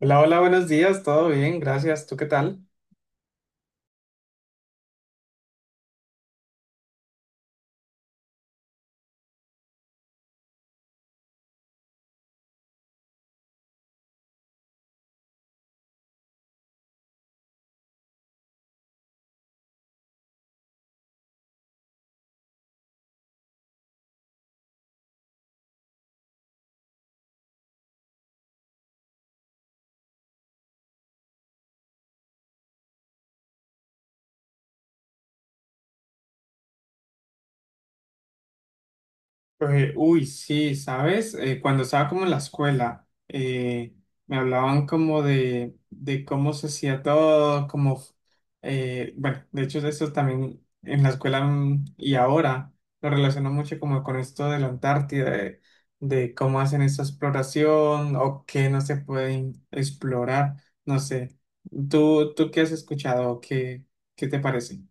Hola, hola, buenos días, todo bien, gracias. ¿Tú qué tal? Uy, sí, sabes. Cuando estaba como en la escuela, me hablaban como de cómo se hacía todo, como, bueno, de hecho eso también en la escuela, y ahora lo relaciono mucho como con esto de la Antártida, de cómo hacen esa exploración o qué no se puede explorar, no sé. ¿Tú qué has escuchado? ¿Qué te parece?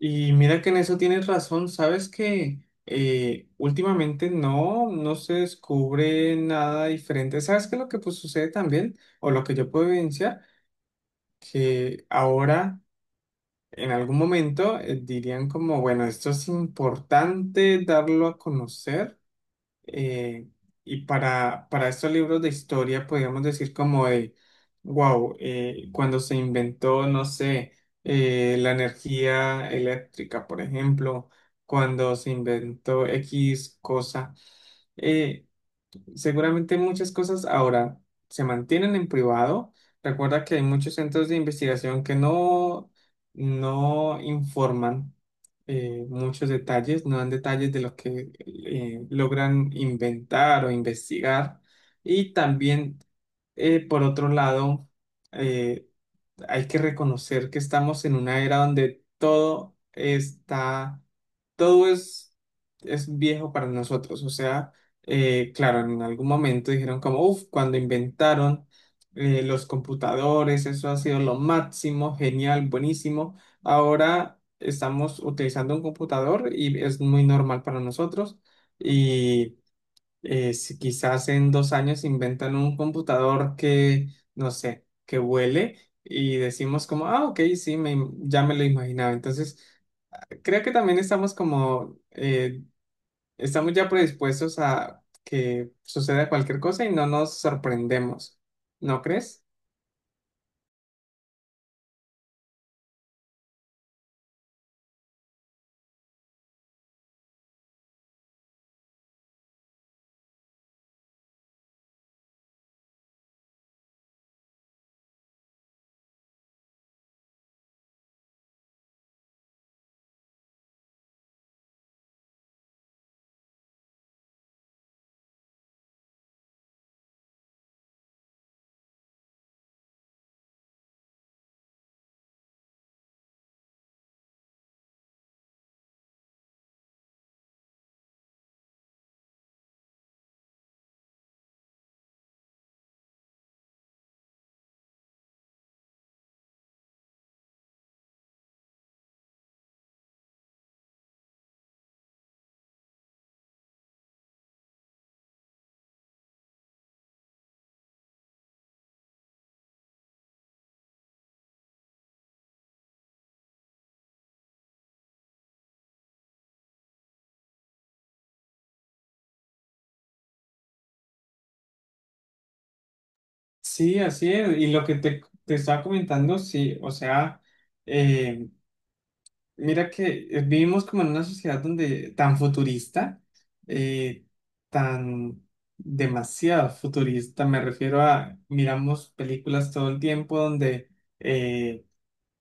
Y mira que en eso tienes razón, sabes que, últimamente no se descubre nada diferente. ¿Sabes qué es lo que, pues, sucede también? O lo que yo puedo evidenciar, que ahora en algún momento dirían como, bueno, esto es importante darlo a conocer, eh, y para estos libros de historia, podríamos decir como de, wow, cuando se inventó, no sé, la energía eléctrica, por ejemplo, cuando se inventó X cosa. Eh, Seguramente muchas cosas ahora se mantienen en privado. Recuerda que hay muchos centros de investigación que no informan muchos detalles, no dan detalles de lo que logran inventar o investigar. Y también, por otro lado, eh, hay que reconocer que estamos en una era donde todo está, todo es viejo para nosotros. O sea, claro, en algún momento dijeron como, uff, cuando inventaron los computadores, eso ha sido lo máximo, genial, buenísimo. Ahora estamos utilizando un computador y es muy normal para nosotros. Y si quizás en 2 años inventan un computador que, no sé, que vuele, y decimos como, ah, ok, sí, ya me lo imaginaba. Entonces, creo que también estamos como, estamos ya predispuestos a que suceda cualquier cosa y no nos sorprendemos, ¿no crees? Sí, así es. Y lo que te estaba comentando, sí, o sea, mira que, vivimos como en una sociedad donde tan futurista, eh, tan demasiado futurista, me refiero a, miramos películas todo el tiempo donde eh,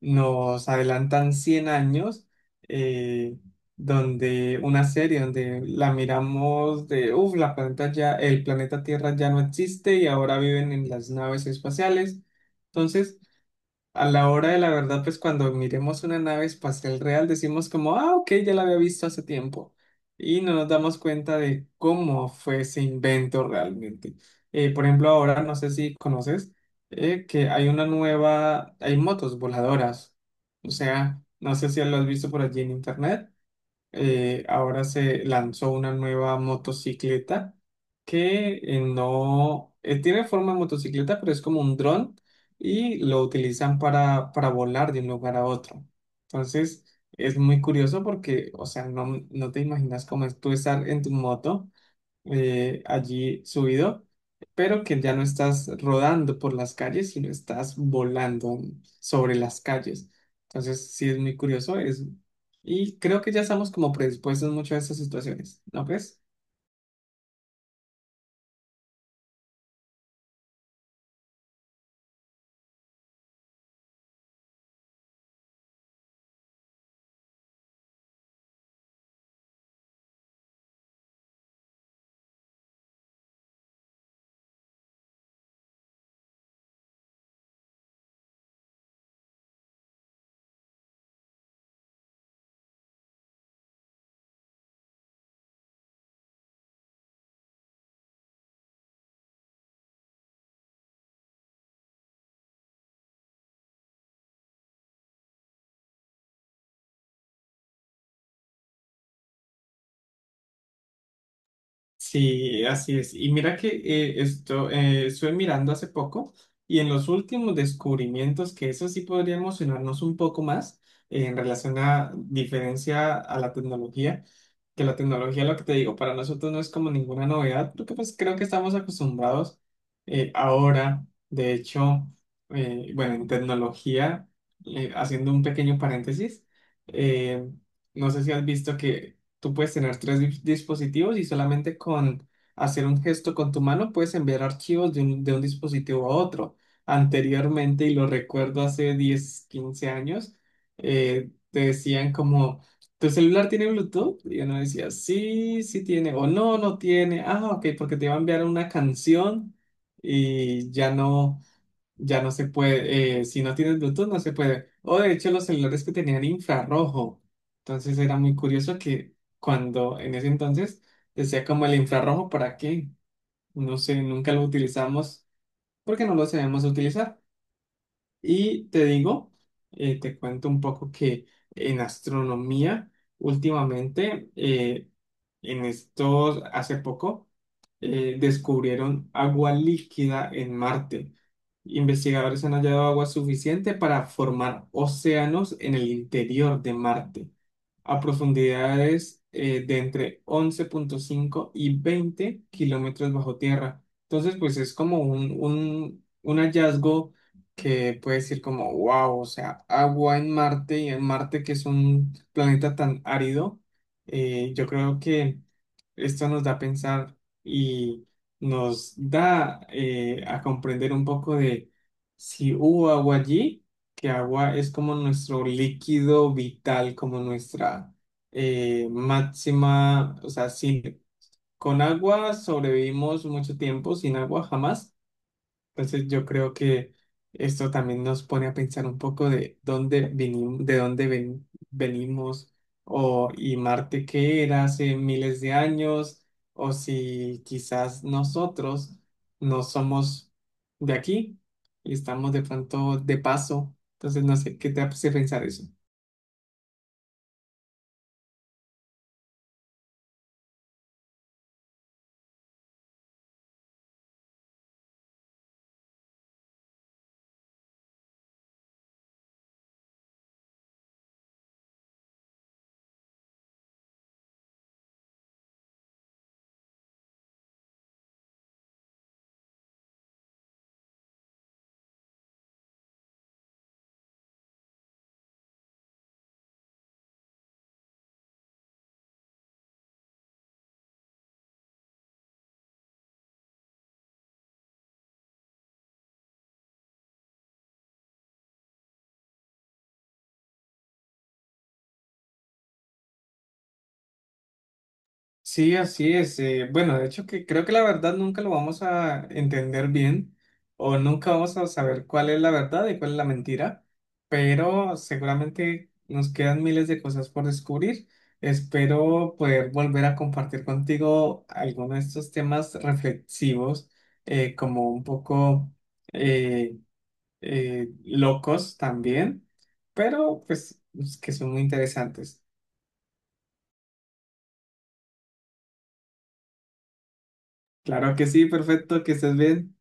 nos adelantan 100 años, eh, donde una serie donde la miramos de, uff, la planeta ya, el planeta Tierra ya no existe y ahora viven en las naves espaciales. Entonces, a la hora de la verdad, pues cuando miremos una nave espacial real, decimos como, ah, ok, ya la había visto hace tiempo. Y no nos damos cuenta de cómo fue ese invento realmente. Por ejemplo, ahora no sé si conoces que hay una nueva, hay motos voladoras. O sea, no sé si lo has visto por allí en internet. Ahora se lanzó una nueva motocicleta que, no tiene forma de motocicleta, pero es como un dron, y lo utilizan para volar de un lugar a otro. Entonces, es muy curioso porque, o sea, no, no te imaginas cómo es tú estar en tu moto, allí subido, pero que ya no estás rodando por las calles, sino estás volando sobre las calles. Entonces, sí es muy curioso eso. Y creo que ya estamos como predispuestos mucho a estas situaciones, ¿no crees? Sí, así es. Y mira que, esto, estuve mirando hace poco, y en los últimos descubrimientos, que eso sí podría emocionarnos un poco más, en relación a diferencia a la tecnología, que la tecnología, lo que te digo, para nosotros no es como ninguna novedad, porque pues creo que estamos acostumbrados. Ahora, de hecho, bueno, en tecnología, haciendo un pequeño paréntesis, eh, no sé si has visto que tú puedes tener tres dispositivos y solamente con hacer un gesto con tu mano puedes enviar archivos de un dispositivo a otro. Anteriormente, y lo recuerdo hace 10 15 años, te decían como, ¿tu celular tiene Bluetooth? Y uno decía, sí, sí tiene, o no, no tiene. Ah, ok, porque te iba a enviar una canción y ya no. Ya no se puede, si no tienes Bluetooth no se puede. O de hecho los celulares que tenían infrarrojo. Entonces era muy curioso que cuando en ese entonces decía como el infrarrojo, ¿para qué? No sé, nunca lo utilizamos porque no lo sabemos utilizar. Y te digo, te cuento un poco que en astronomía últimamente, en estos, hace poco, descubrieron agua líquida en Marte. Investigadores han hallado agua suficiente para formar océanos en el interior de Marte, a profundidades, de entre 11,5 y 20 kilómetros bajo tierra. Entonces, pues es como un hallazgo que puede decir como, wow, o sea, agua en Marte, y en Marte, que es un planeta tan árido, yo creo que esto nos da a pensar y nos da, a comprender un poco de si hubo agua allí, que agua es como nuestro líquido vital, como nuestra, máxima, o sea, sin, con agua sobrevivimos mucho tiempo, sin agua jamás. Entonces yo creo que esto también nos pone a pensar un poco de dónde venimos, de dónde venimos, o y Marte qué era hace miles de años, o si quizás nosotros no somos de aquí y estamos de pronto de paso. Entonces no sé qué te hace pensar eso. Sí, así es. Bueno, de hecho que creo que la verdad nunca lo vamos a entender bien, o nunca vamos a saber cuál es la verdad y cuál es la mentira, pero seguramente nos quedan miles de cosas por descubrir. Espero poder volver a compartir contigo algunos de estos temas reflexivos, como un poco, eh, locos también, pero pues que son muy interesantes. Claro que sí, perfecto, que estés bien.